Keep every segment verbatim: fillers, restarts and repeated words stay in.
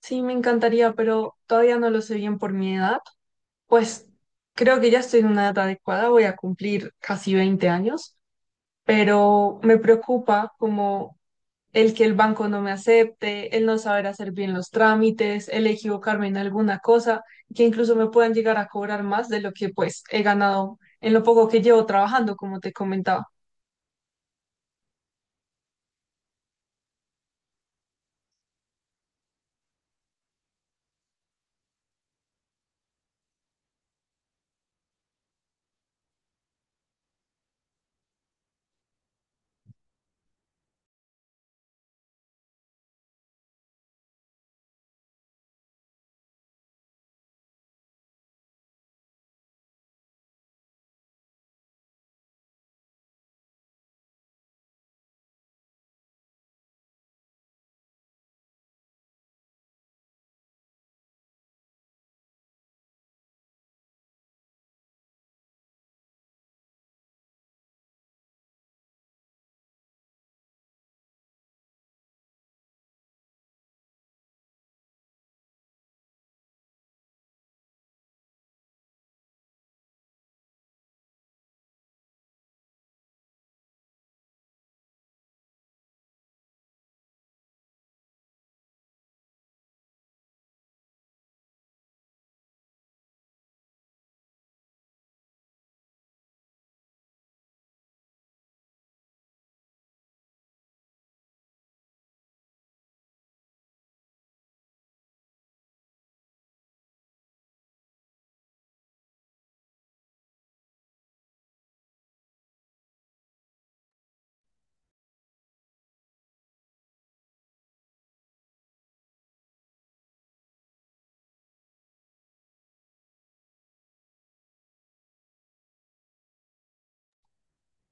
Sí, me encantaría, pero todavía no lo sé bien por mi edad. Pues creo que ya estoy en una edad adecuada, voy a cumplir casi veinte años, pero me preocupa como el que el banco no me acepte, el no saber hacer bien los trámites, el equivocarme en alguna cosa, que incluso me puedan llegar a cobrar más de lo que pues he ganado en lo poco que llevo trabajando, como te comentaba.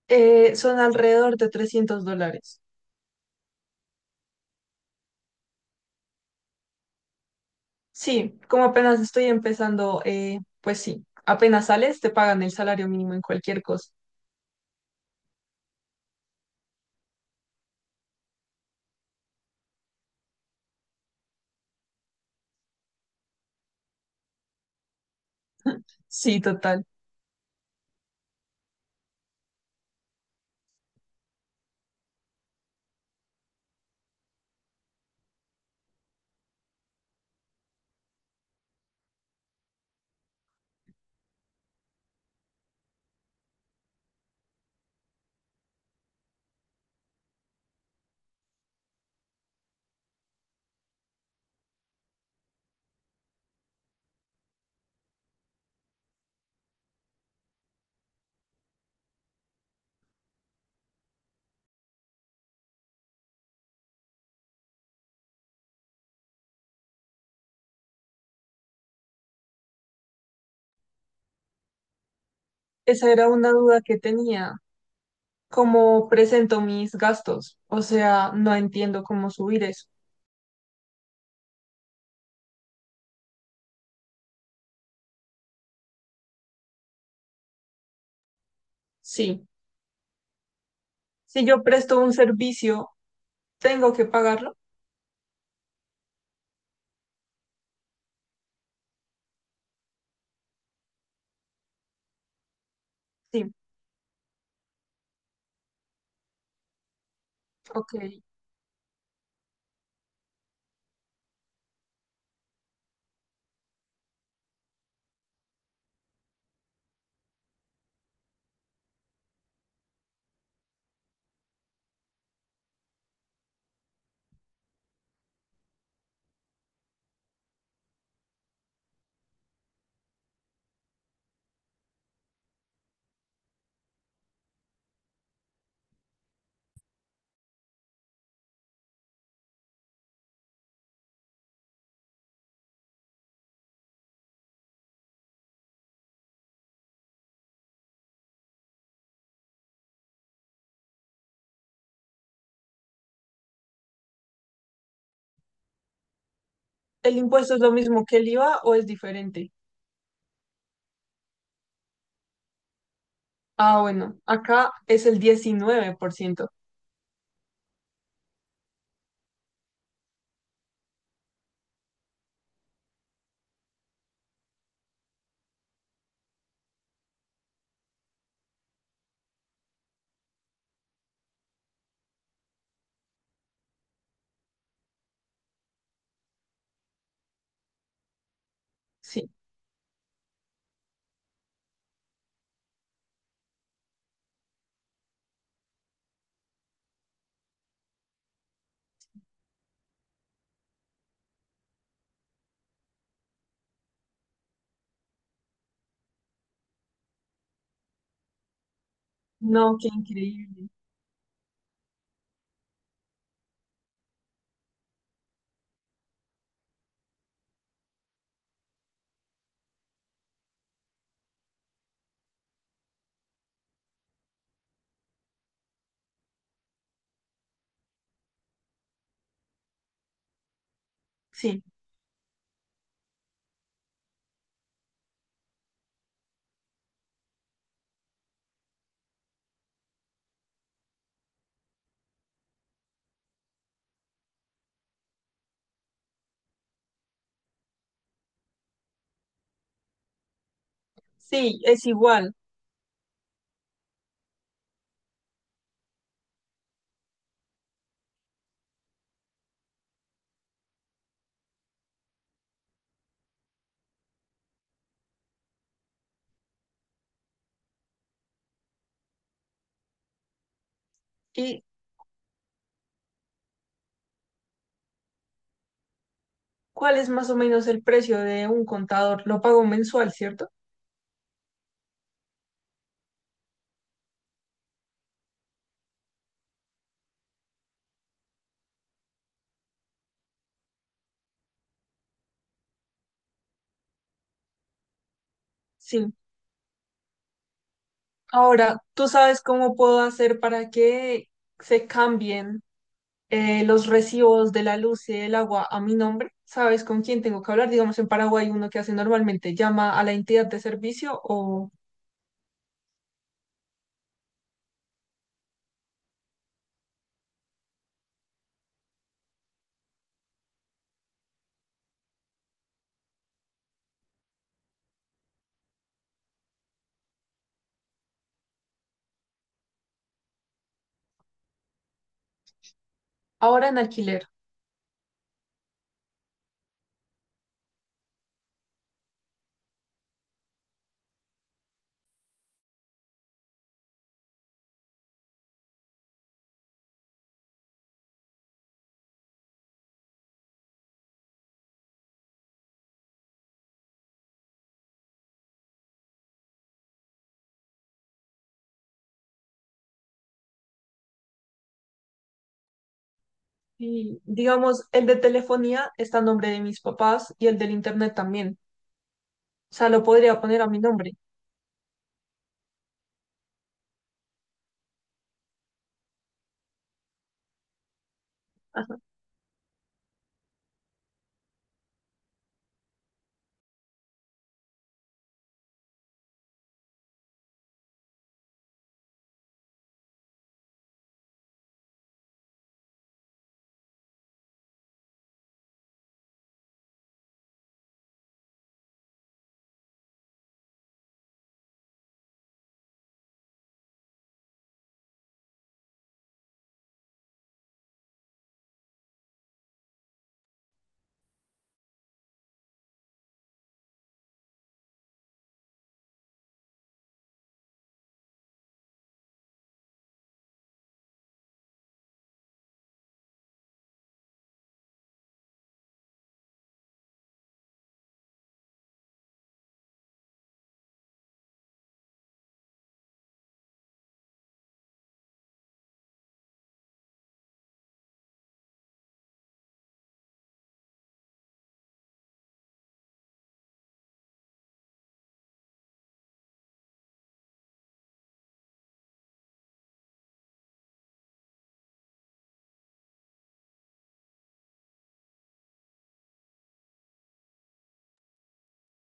Eh, son alrededor de trescientos dólares. Sí, como apenas estoy empezando, eh, pues sí, apenas sales, te pagan el salario mínimo en cualquier cosa. Sí, total. Esa era una duda que tenía. ¿Cómo presento mis gastos? O sea, no entiendo cómo subir eso. Sí. Si yo presto un servicio, ¿tengo que pagarlo? Sí, ok. ¿El impuesto es lo mismo que el I V A o es diferente? Ah, bueno, acá es el diecinueve por ciento. Sí. No, qué increíble. Sí, sí, es igual. Y ¿cuál es más o menos el precio de un contador? Lo pago mensual, ¿cierto? Sí. Ahora, ¿tú sabes cómo puedo hacer para que se cambien eh, los recibos de la luz y del agua a mi nombre? ¿Sabes con quién tengo que hablar? Digamos, en Paraguay uno que hace normalmente llama a la entidad de servicio o ahora en alquiler. Y digamos, el de telefonía está a nombre de mis papás y el del internet también. O sea, lo podría poner a mi nombre.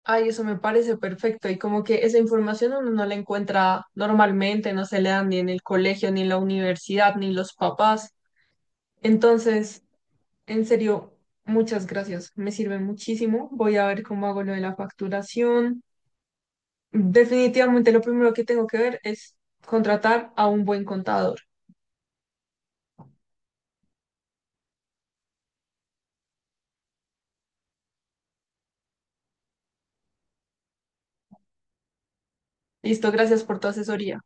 Ay, eso me parece perfecto. Y como que esa información uno no la encuentra normalmente, no se le dan ni en el colegio, ni en la universidad, ni los papás. Entonces, en serio, muchas gracias. Me sirven muchísimo. Voy a ver cómo hago lo de la facturación. Definitivamente lo primero que tengo que ver es contratar a un buen contador. Listo, gracias por tu asesoría.